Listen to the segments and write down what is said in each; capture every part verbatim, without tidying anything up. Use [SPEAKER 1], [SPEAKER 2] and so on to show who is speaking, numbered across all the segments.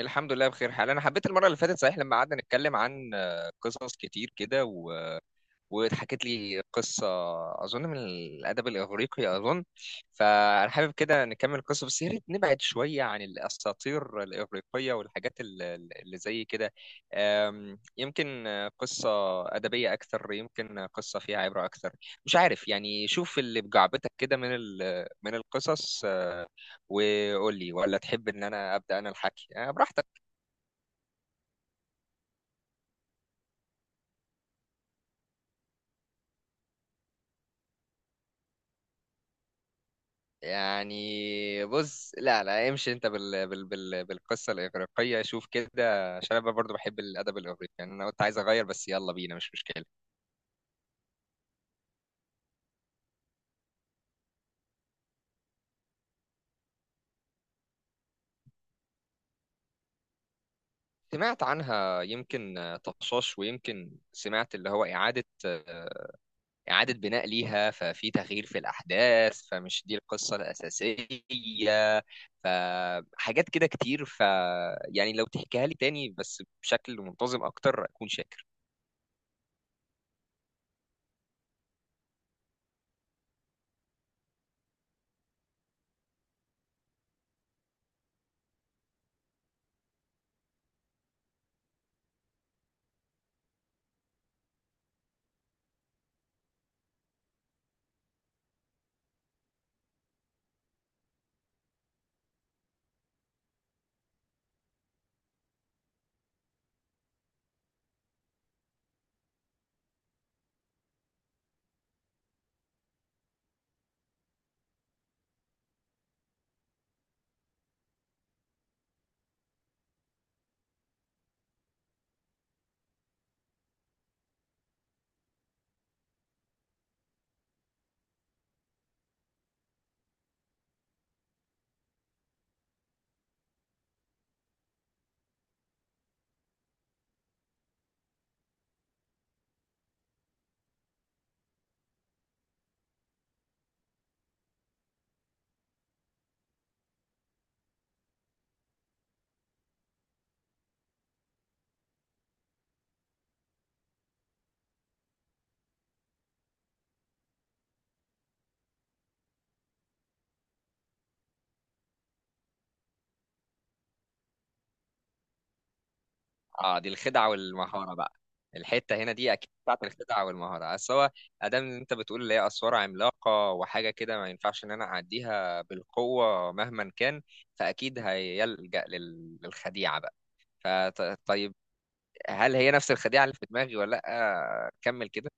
[SPEAKER 1] الحمد لله بخير حال. انا حبيت المره اللي فاتت صحيح لما قعدنا نتكلم عن آه، قصص كتير كده و... واتحكت لي قصه اظن من الادب الاغريقي اظن. فانا حابب كده نكمل القصه، بس يا ريت نبعد شويه عن الاساطير الاغريقيه والحاجات ال- ال- اللي زي كده. آم، يمكن آه، قصه ادبيه اكثر، يمكن آه، قصه فيها عبره اكثر. مش عارف، يعني شوف اللي بجعبتك كده من ال... من القصص. آه، وقول لي ولا تحب ان انا ابدا انا الحكي. آه، براحتك. يعني بص، لا لا، امشي انت بال بال بال بالقصه الاغريقيه، شوف كده عشان انا برضو بحب الادب الاغريقي. يعني انا كنت عايز اغير بس يلا بينا، مش مشكله. سمعت عنها يمكن آه، طشاش، ويمكن سمعت اللي هو اعاده آه، اعاده بناء ليها، ففي تغيير في الاحداث فمش دي القصه الاساسيه، فحاجات كده كتير. ف يعني لو تحكيها لي تاني بس بشكل منتظم اكتر اكون شاكر. اه دي الخدعه والمهاره بقى. الحته هنا دي اكيد بتاعت الخدعه والمهاره. بس هو ادام إن انت بتقول اللي هي اسوار عملاقه وحاجه كده، ما ينفعش ان انا اعديها بالقوه مهما كان. فاكيد هيلجأ لل- للخديعه بقى. فطيب، هل هي نفس الخديعه اللي في دماغي ولا لا؟ كمل كده.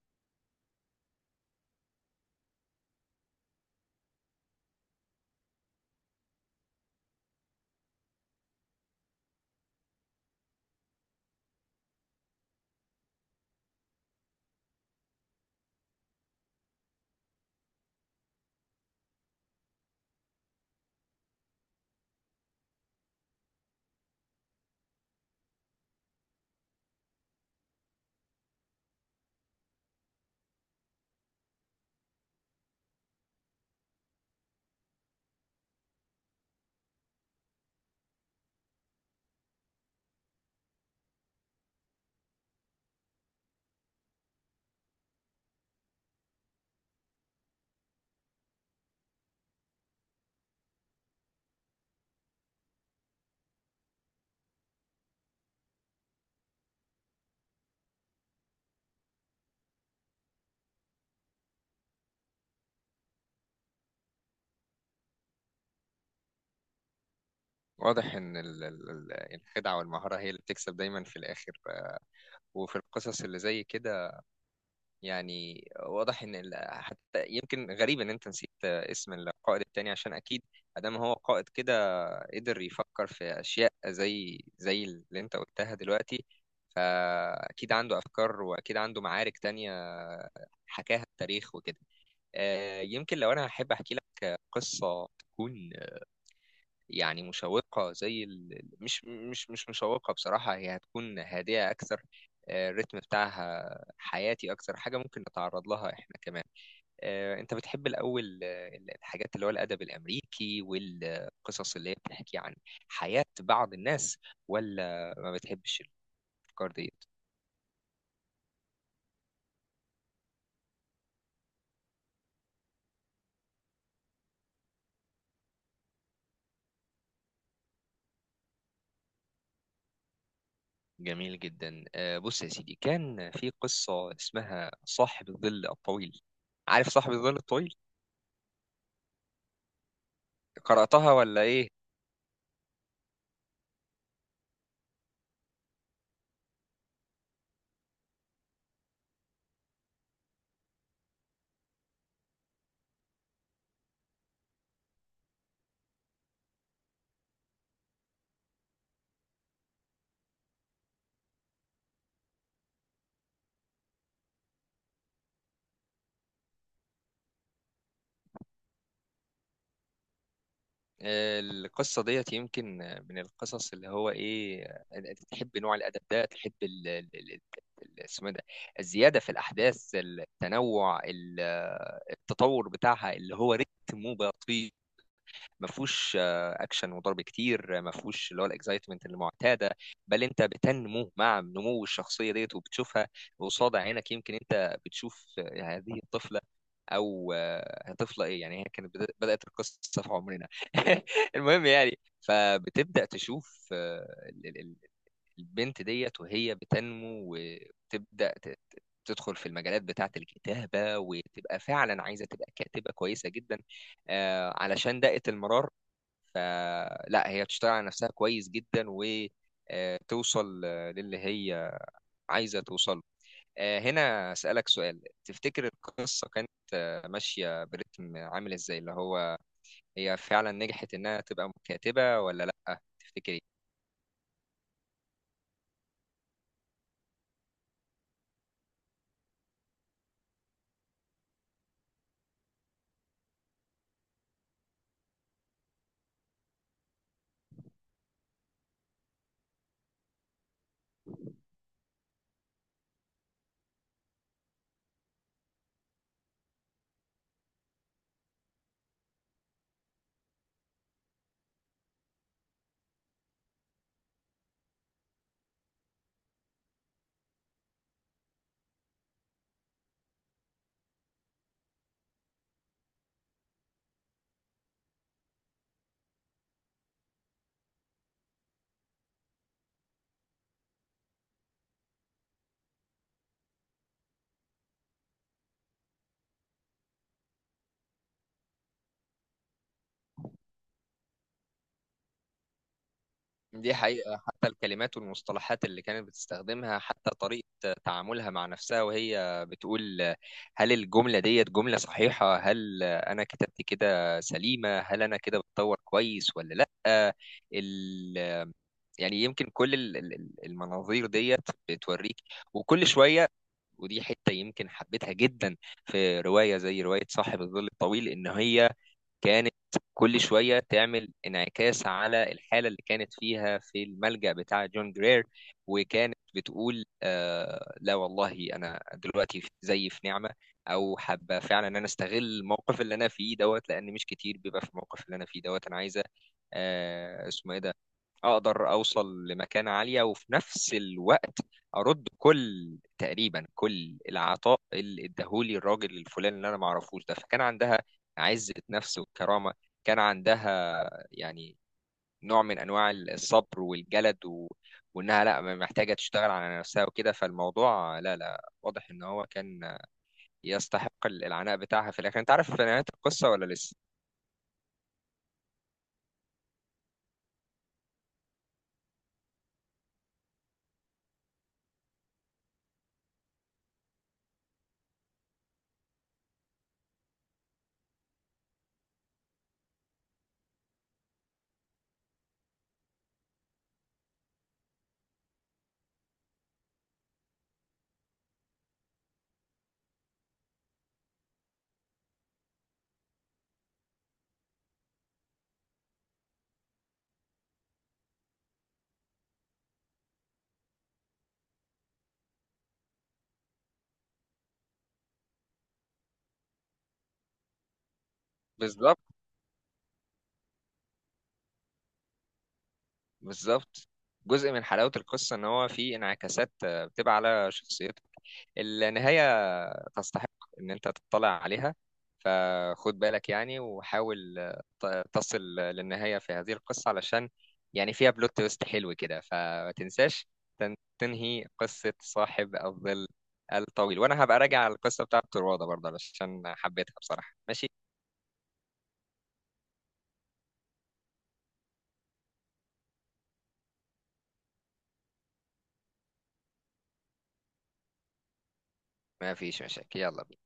[SPEAKER 1] واضح ان ال- ال- ال- الخدعه والمهاره هي اللي بتكسب دايما في الاخر، آه، وفي القصص اللي زي كده. يعني واضح ان ال- حتى يمكن غريب ان انت نسيت اسم القائد التاني. عشان اكيد ادام هو قائد كده قدر يفكر في اشياء زي زي اللي انت قلتها دلوقتي. فاكيد عنده افكار واكيد عنده معارك تانية حكاها التاريخ وكده. آه، يمكن لو انا احب احكي لك قصة تكون يعني مشوقة زي ال... ال- مش مش مش مشوقة بصراحة. هي هتكون هادئة أكثر، آه، الريتم بتاعها حياتي. أكثر حاجة ممكن نتعرض لها إحنا كمان. آه، أنت بتحب الأول آه، الحاجات اللي هو الأدب الأمريكي والقصص اللي هي بتحكي عن حياة بعض الناس، ولا ما بتحبش الأفكار ديت؟ جميل جدا. آه، بص يا سيدي، كان في قصة اسمها صاحب الظل الطويل. عارف صاحب الظل الطويل؟ قرأتها ولا إيه؟ القصة ديت يمكن من القصص اللي هو ايه، انت تحب نوع الأدب ده. تحب ال- ال- ال- ال- اسمه إيه ده، الزيادة في الأحداث، التنوع، ال- التطور بتاعها اللي هو رتمه بطيء. ما فيهوش آه، اكشن وضرب كتير، آه، ما فيهوش اللي هو الاكسايتمنت المعتاده. بل انت بتنمو مع نمو الشخصيه ديت وبتشوفها قصاد عينك. يمكن انت بتشوف آه، هذه الطفله، او آه، طفله ايه يعني، هي كانت بدأ- بدات القصه في عمرنا. المهم يعني فبتبدا تشوف آه، ال- ال- ال- البنت ديت وهي بتنمو وتبدا ت- تدخل في المجالات بتاعة الكتابة، وتبقى فعلا عايزة تبقى كاتبة كويسة جدا آه، علشان دقة المرارة. فلا هي بتشتغل على نفسها كويس جدا وتوصل للي هي عايزة توصل. هنا أسألك سؤال، تفتكر القصة كانت آه، ماشية برتم عامل ازاي؟ اللي هو هي فعلا نجحت انها تبقى كاتبة ولا لا تفتكري؟ دي حقيقة، حتى الكلمات والمصطلحات اللي كانت بتستخدمها، حتى طريقة تعاملها مع نفسها وهي بتقول هل الجملة ديت جملة صحيحة، هل أنا كتبت كده سليمة، هل أنا كده بتطور كويس ولا لأ. ال... يعني يمكن كل ال- ال- ال- المناظير ديت بتوريك. وكل شوية، ودي حتة يمكن حبيتها جدا في رواية زي رواية صاحب الظل الطويل، إن هي كانت كل شوية تعمل انعكاس على الحالة اللي كانت فيها في الملجأ بتاع جون جرير. وكانت بتقول آه لا والله أنا دلوقتي في- زي في نعمة، أو حابة فعلا إن أنا أستغل الموقف اللي أنا فيه دوت، لأن مش كتير بيبقى في الموقف اللي أنا فيه دوت. أنا عايزة آه اسمه إيه ده، اقدر اوصل لمكانة عالية وفي نفس الوقت ارد كل، تقريبا كل العطاء اللي اداهولي الراجل الفلاني اللي انا ما اعرفوش ده. فكان عندها عزة نفس وكرامة. كان عندها يعني نوع من انواع الصبر والجلد و... وانها لا محتاجة تشتغل على نفسها وكده. فالموضوع لا لا واضح ان هو كان يستحق العناء بتاعها في الاخر. انت عارف نهاية القصة ولا لسه؟ بالظبط، بالظبط. جزء من حلاوة القصة إن هو فيه انعكاسات آه، بتبقى على شخصيتك. النهاية تستحق إن أنت تطلع عليها. فخد بالك يعني وحاول آه، ت- تصل للنهاية في هذه القصة، علشان يعني فيها بلوت تويست حلو كده. فما تنساش تن- تنهي قصة صاحب الظل الطويل. وأنا هبقى راجع على القصة بتاعة الروضة برضه علشان حبيتها بصراحة. ماشي، ما فيش مشاكل، يلا بينا.